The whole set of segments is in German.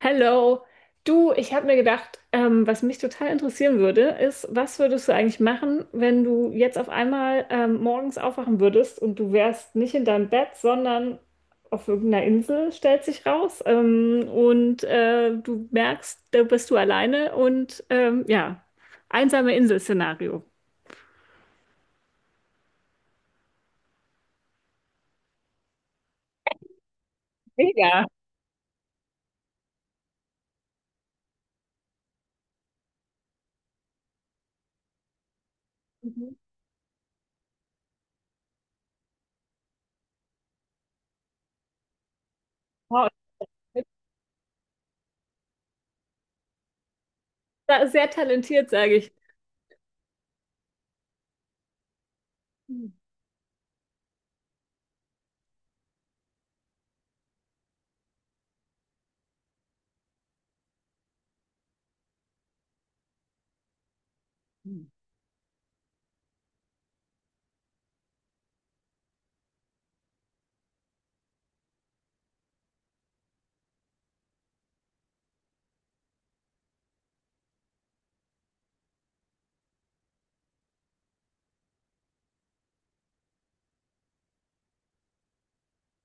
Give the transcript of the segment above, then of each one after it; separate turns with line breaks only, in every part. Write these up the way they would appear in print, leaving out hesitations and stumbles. Hello, du, ich habe mir gedacht, was mich total interessieren würde, ist, was würdest du eigentlich machen, wenn du jetzt auf einmal morgens aufwachen würdest und du wärst nicht in deinem Bett, sondern auf irgendeiner Insel, stellt sich raus, du merkst, da bist du alleine und ja, einsame Insel-Szenario. Mega. Mhm. Wow. Du bist. Sehr talentiert, sage ich.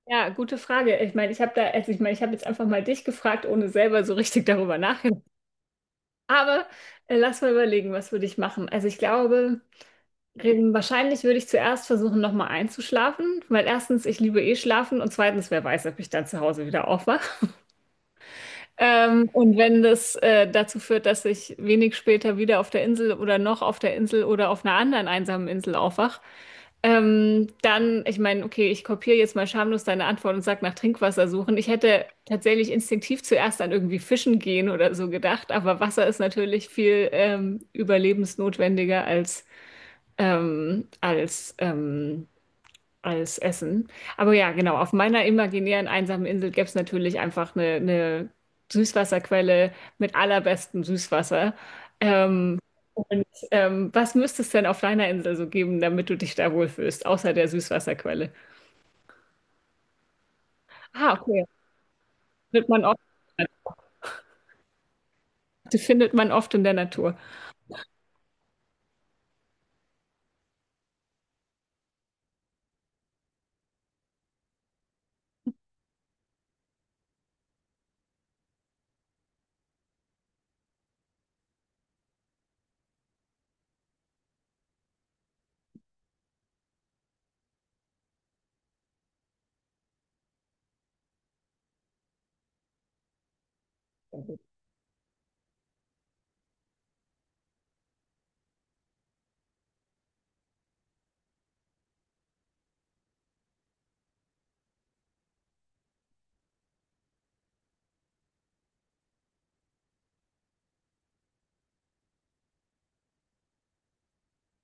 Ja, gute Frage. Ich meine, ich habe da, also ich meine, ich habe jetzt einfach mal dich gefragt, ohne selber so richtig darüber nachgedacht. Aber lass mal überlegen, was würde ich machen? Also ich glaube, wahrscheinlich würde ich zuerst versuchen, nochmal einzuschlafen, weil erstens, ich liebe eh schlafen und zweitens, wer weiß, ob ich dann zu Hause wieder aufwache. Und wenn das dazu führt, dass ich wenig später wieder auf der Insel oder noch auf der Insel oder auf einer anderen einsamen Insel aufwach, dann, ich meine, okay, ich kopiere jetzt mal schamlos deine Antwort und sag nach Trinkwasser suchen. Ich hätte tatsächlich instinktiv zuerst an irgendwie Fischen gehen oder so gedacht, aber Wasser ist natürlich viel überlebensnotwendiger als, ähm, als ähm, als Essen. Aber ja, genau, auf meiner imaginären einsamen Insel gäbe es natürlich einfach eine Süßwasserquelle mit allerbestem Süßwasser. Ähm, und was müsste es denn auf deiner Insel so geben, damit du dich da wohlfühlst, außer der Süßwasserquelle? Ah, okay. Findet man oft, die findet man oft in der Natur.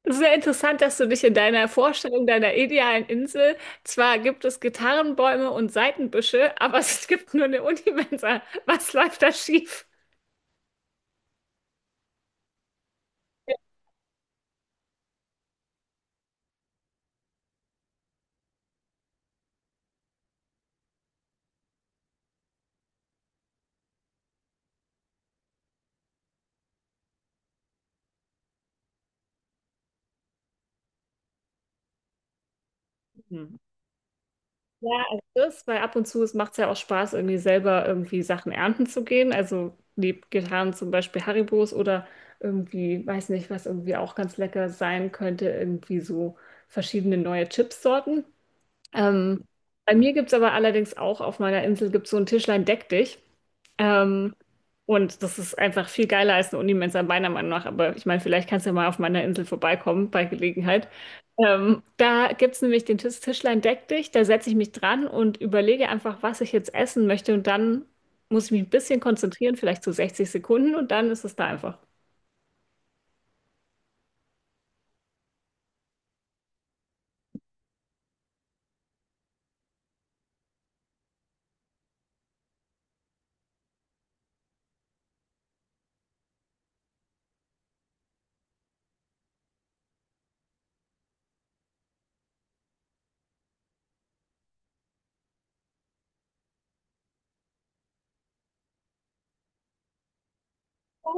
Es ist sehr interessant, dass du dich in deiner Vorstellung deiner idealen Insel, zwar gibt es Gitarrenbäume und Seitenbüsche, aber es gibt nur eine Unimensa. Was läuft da schief? Hm. Ja, also das, weil ab und zu es macht es ja auch Spaß, irgendwie selber irgendwie Sachen ernten zu gehen. Also neben Gitarren zum Beispiel Haribos oder irgendwie, weiß nicht, was irgendwie auch ganz lecker sein könnte, irgendwie so verschiedene neue Chipssorten. Ähm, Bei mir gibt es aber allerdings auch auf meiner Insel gibt's so ein Tischlein Deck dich. Ähm, und das ist einfach viel geiler als eine Unimensa meiner Meinung nach. Aber ich meine, vielleicht kannst du ja mal auf meiner Insel vorbeikommen bei Gelegenheit. Da gibt es nämlich den Tischlein Deck dich, da setze ich mich dran und überlege einfach, was ich jetzt essen möchte und dann muss ich mich ein bisschen konzentrieren, vielleicht so 60 Sekunden und dann ist es da einfach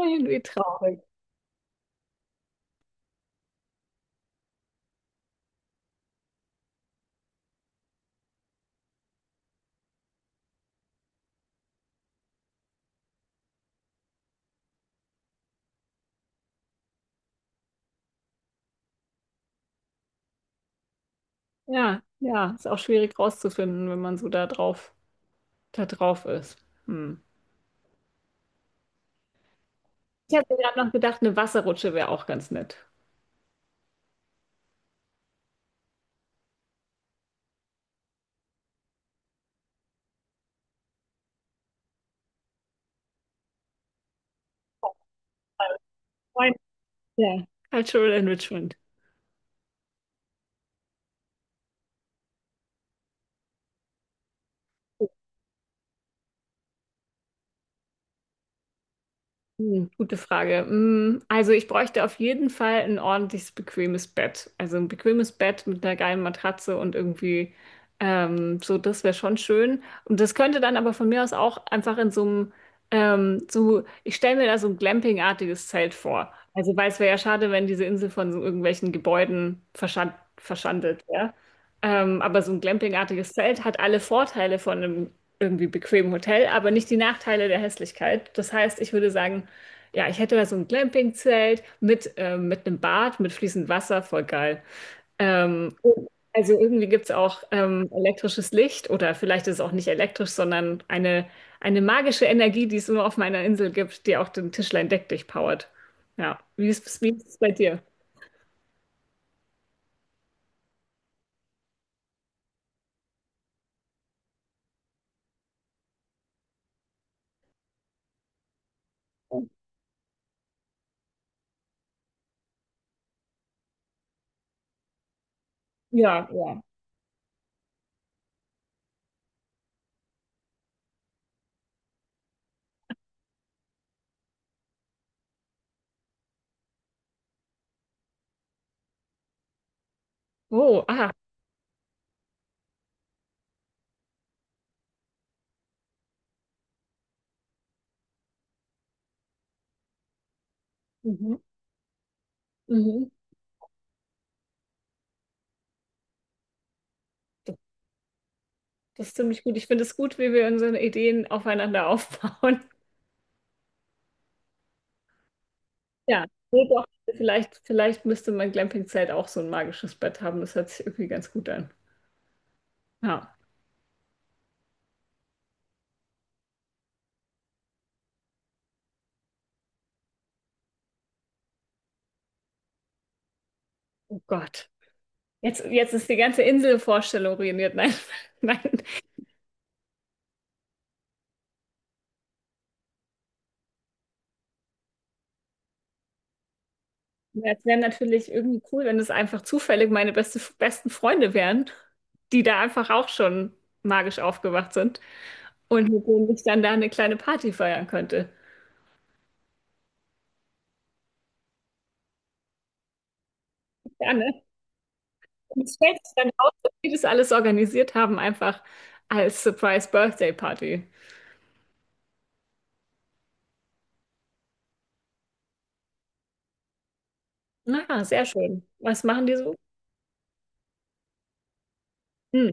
irgendwie traurig. Ja, ja, ist auch schwierig rauszufinden, wenn man da drauf ist. Hm. Ich habe mir gerade noch gedacht, eine Wasserrutsche wäre auch ganz nett. Moin. Ja, Cultural Enrichment. Hm, gute Frage. Hm, also ich bräuchte auf jeden Fall ein ordentliches, bequemes Bett. Also ein bequemes Bett mit einer geilen Matratze und irgendwie so, das wäre schon schön. Und das könnte dann aber von mir aus auch einfach in so einem, so, ich stelle mir da so ein Glamping-artiges Zelt vor. Also weil es wäre ja schade, wenn diese Insel von so irgendwelchen Gebäuden verschandelt wäre. Aber so ein Glamping-artiges Zelt hat alle Vorteile von einem irgendwie bequemen Hotel, aber nicht die Nachteile der Hässlichkeit. Das heißt, ich würde sagen, ja, ich hätte mal so ein Glamping-Zelt mit einem Bad, mit fließend Wasser, voll geil. Und also irgendwie gibt es auch elektrisches Licht oder vielleicht ist es auch nicht elektrisch, sondern eine magische Energie, die es immer auf meiner Insel gibt, die auch den Tischlein Deck durchpowert. Ja, wie ist es bei dir? Ja, ja. Oh, ah. Mhm, mhm. Das, Das ist ziemlich gut. Ich finde es gut, wie wir unsere Ideen aufeinander aufbauen. Ja, nee, doch. Vielleicht müsste mein Glamping-Zelt auch so ein magisches Bett haben. Das hört sich irgendwie ganz gut an. Ja, oh Gott. Jetzt ist die ganze Inselvorstellung ruiniert. Nein, nein. Ja, es wäre natürlich irgendwie cool, wenn es einfach zufällig meine besten Freunde wären, die da einfach auch schon magisch aufgewacht sind und mit denen ich dann da eine kleine Party feiern könnte. Ja, ne? Und es stellt sich dann raus, dass die das alles organisiert haben, einfach als Surprise Birthday Party. Na, sehr schön. Was machen die so? Hm,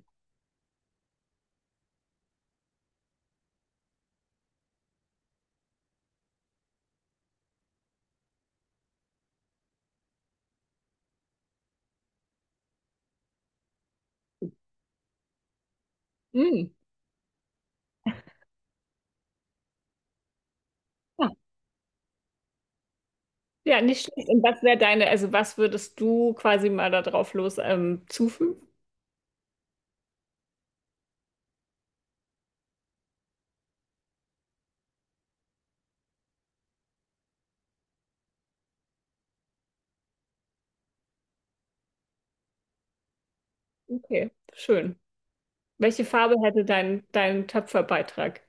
hm. Ja, ja, nicht schlecht. Und was wäre deine, also was würdest du quasi mal da drauf los zufügen? Okay, schön. Welche Farbe hätte dein Töpferbeitrag?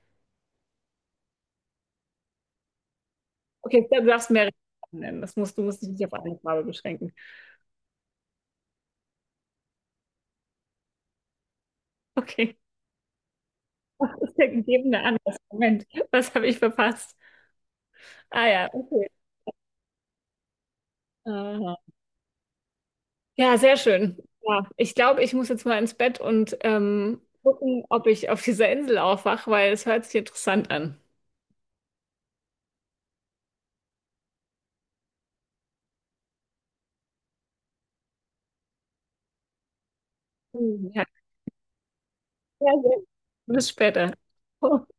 Okay, du darfst mehrere Farben nennen. Das musst, du musst dich nicht auf eine Farbe beschränken. Okay. Was ist der gegebene Anlass? Moment, was habe ich verpasst? Ah ja, okay. Aha. Ja, sehr schön. Ja, ich glaube, ich muss jetzt mal ins Bett und gucken, ob ich auf dieser Insel aufwache, weil es hört sich interessant an. Mhm. Ja, sehr. Bis später.